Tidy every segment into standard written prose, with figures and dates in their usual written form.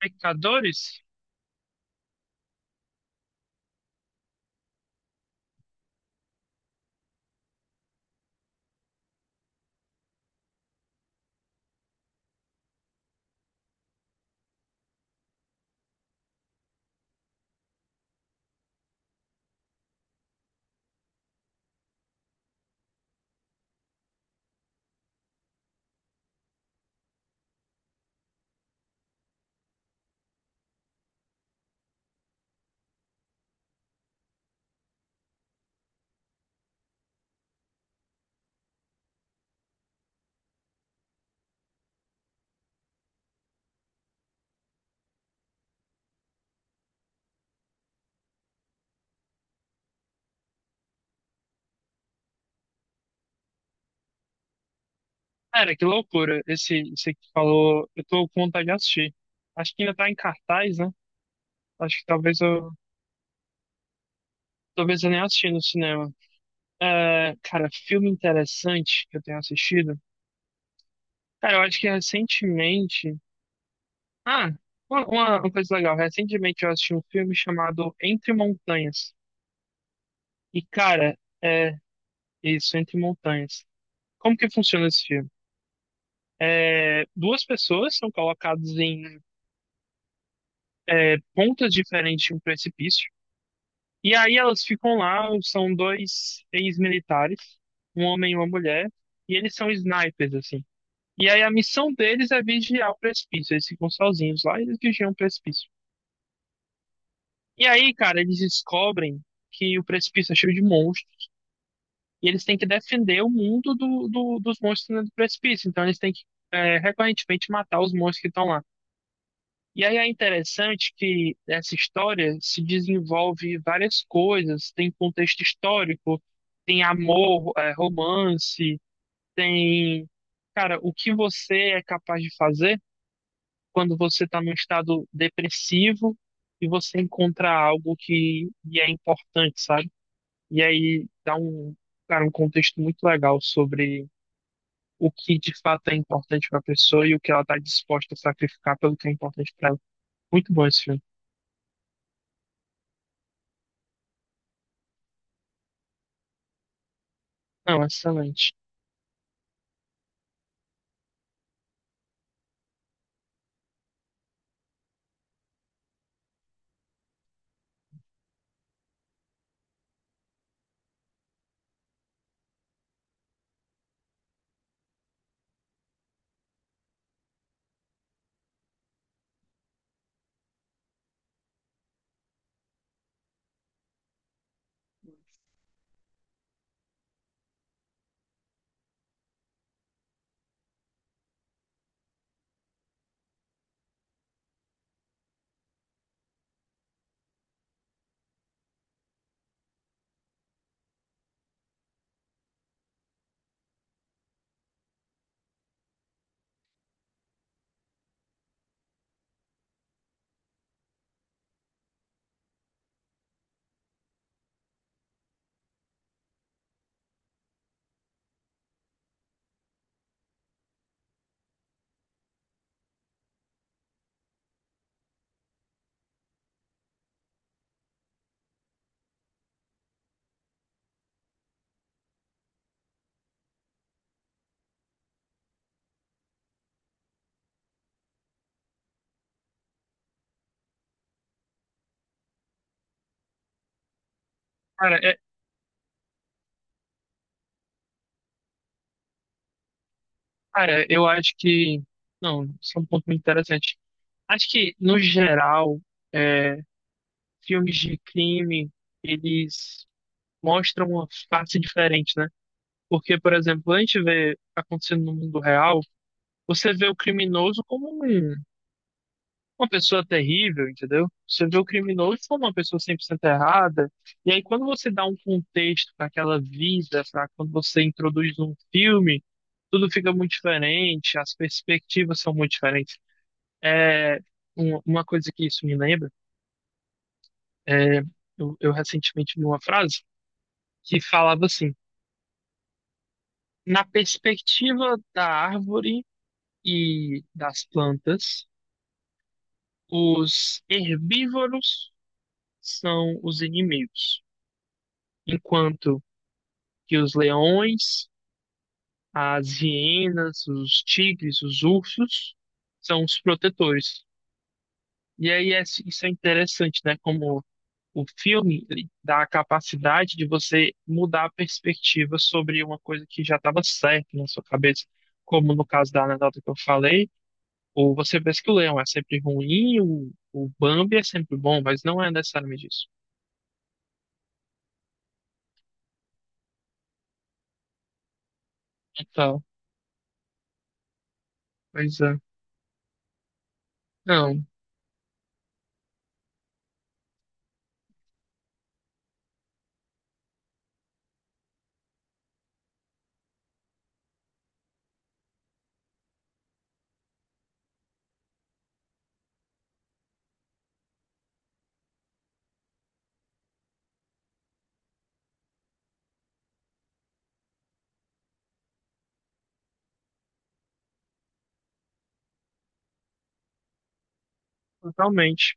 Pecadores? Cara, que loucura. Esse que falou, eu tô com vontade de assistir. Acho que ainda tá em cartaz, né? Acho que talvez eu nem assisti no cinema. É, cara, filme interessante que eu tenho assistido. Cara, eu acho que recentemente. Ah, uma coisa legal. Recentemente eu assisti um filme chamado Entre Montanhas. E, cara, é isso, Entre Montanhas. Como que funciona esse filme? É, duas pessoas são colocadas em pontas diferentes de um precipício. E aí elas ficam lá, são dois ex-militares, um homem e uma mulher, e eles são snipers, assim. E aí a missão deles é vigiar o precipício, eles ficam sozinhos lá e eles vigiam o precipício. E aí, cara, eles descobrem que o precipício é cheio de monstros, e eles têm que defender o mundo dos monstros no do precipício. Então eles têm que, é, recorrentemente matar os monstros que estão lá. E aí é interessante que essa história se desenvolve várias coisas, tem contexto histórico, tem amor, é, romance, tem, cara, o que você é capaz de fazer quando você está num estado depressivo e você encontra algo que lhe é importante, sabe? E aí dá um, cara, um contexto muito legal sobre o que de fato é importante para a pessoa e o que ela está disposta a sacrificar pelo que é importante para ela. Muito bom esse filme. Não, excelente. Cara, cara, eu acho que. Não, isso é um ponto muito interessante. Acho que, no geral, é, filmes de crime, eles mostram uma face diferente, né? Porque, por exemplo, a gente vê acontecendo no mundo real, você vê o criminoso como um. Uma pessoa terrível, entendeu? Você vê o criminoso como uma pessoa 100% errada, e aí quando você dá um contexto para aquela vida, para quando você introduz um filme, tudo fica muito diferente, as perspectivas são muito diferentes. É uma coisa que isso me lembra, é, eu recentemente li uma frase que falava assim: na perspectiva da árvore e das plantas, os herbívoros são os inimigos. Enquanto que os leões, as hienas, os tigres, os ursos são os protetores. E aí isso é interessante, né? Como o filme ele dá a capacidade de você mudar a perspectiva sobre uma coisa que já estava certa na sua cabeça, como no caso da anedota que eu falei, ou você pensa que o leão é sempre ruim, o Bambi é sempre bom, mas não é necessariamente isso. Então, pois é. Não, totalmente.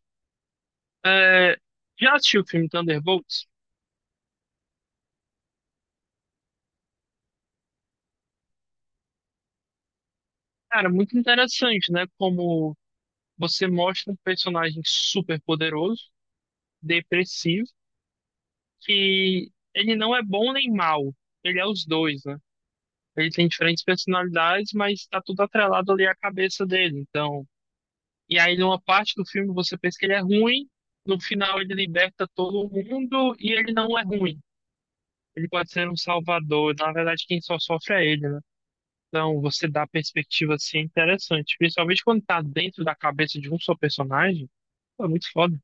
É, já assistiu o filme Thunderbolts? Cara, muito interessante, né? Como você mostra um personagem super poderoso, depressivo, que ele não é bom nem mal, ele é os dois, né? Ele tem diferentes personalidades, mas tá tudo atrelado ali à cabeça dele. Então, e aí numa parte do filme você pensa que ele é ruim, no final ele liberta todo mundo e ele não é ruim. Ele pode ser um salvador, na verdade quem só sofre é ele, né? Então, você dá a perspectiva assim, é interessante. Principalmente quando tá dentro da cabeça de um só personagem. Pô, é muito foda.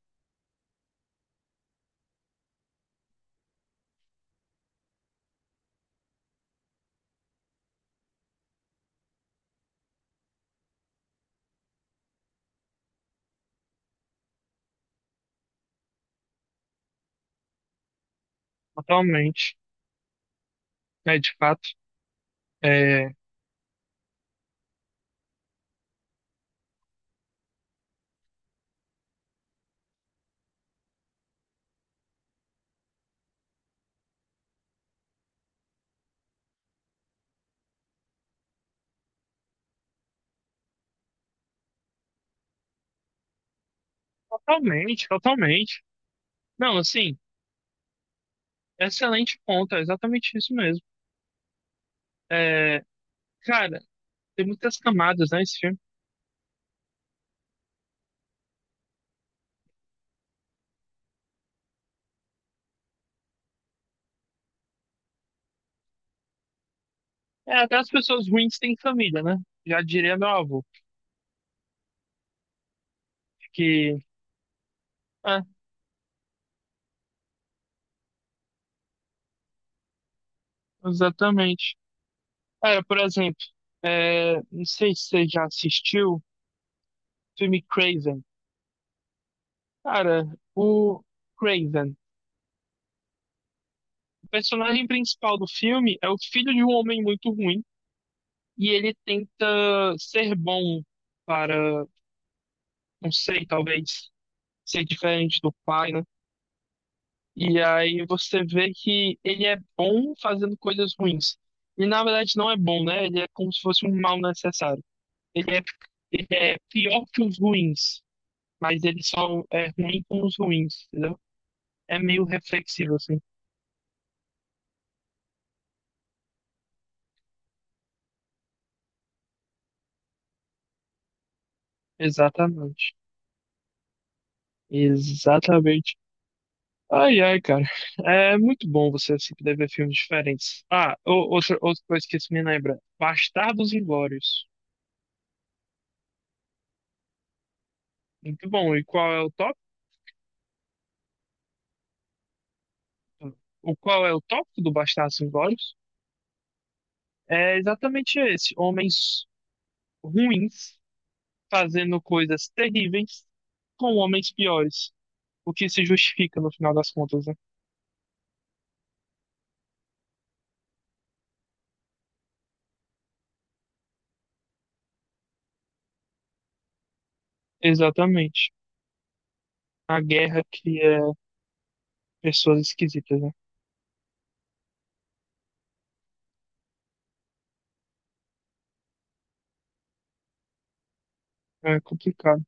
Totalmente. É, de fato. É, totalmente, totalmente. Não, assim, excelente ponto. É exatamente isso mesmo. É, cara, tem muitas camadas, né, esse filme. É, até as pessoas ruins têm família, né? Já diria meu avô. Que, é, exatamente. Cara, por exemplo, é, não sei se você já assistiu o filme Craven. Cara, o Craven, o personagem principal do filme, é o filho de um homem muito ruim e ele tenta ser bom para, não sei, talvez ser diferente do pai, né? E aí você vê que ele é bom fazendo coisas ruins. E na verdade não é bom, né? Ele é como se fosse um mal necessário. Ele é, ele é pior que os ruins, mas ele só é ruim com os ruins, entendeu? É meio reflexivo, assim. Exatamente. Exatamente. Ai, ai, cara. É muito bom você se poder ver filmes diferentes. Ah, outra coisa que isso me lembra. Bastardos Inglórios. Muito bom. E qual é o tópico? O qual é o tópico do Bastardos Inglórios? É exatamente esse. Homens ruins fazendo coisas terríveis com homens piores. O que se justifica no final das contas, né? Exatamente. A guerra cria pessoas esquisitas, né? É complicado.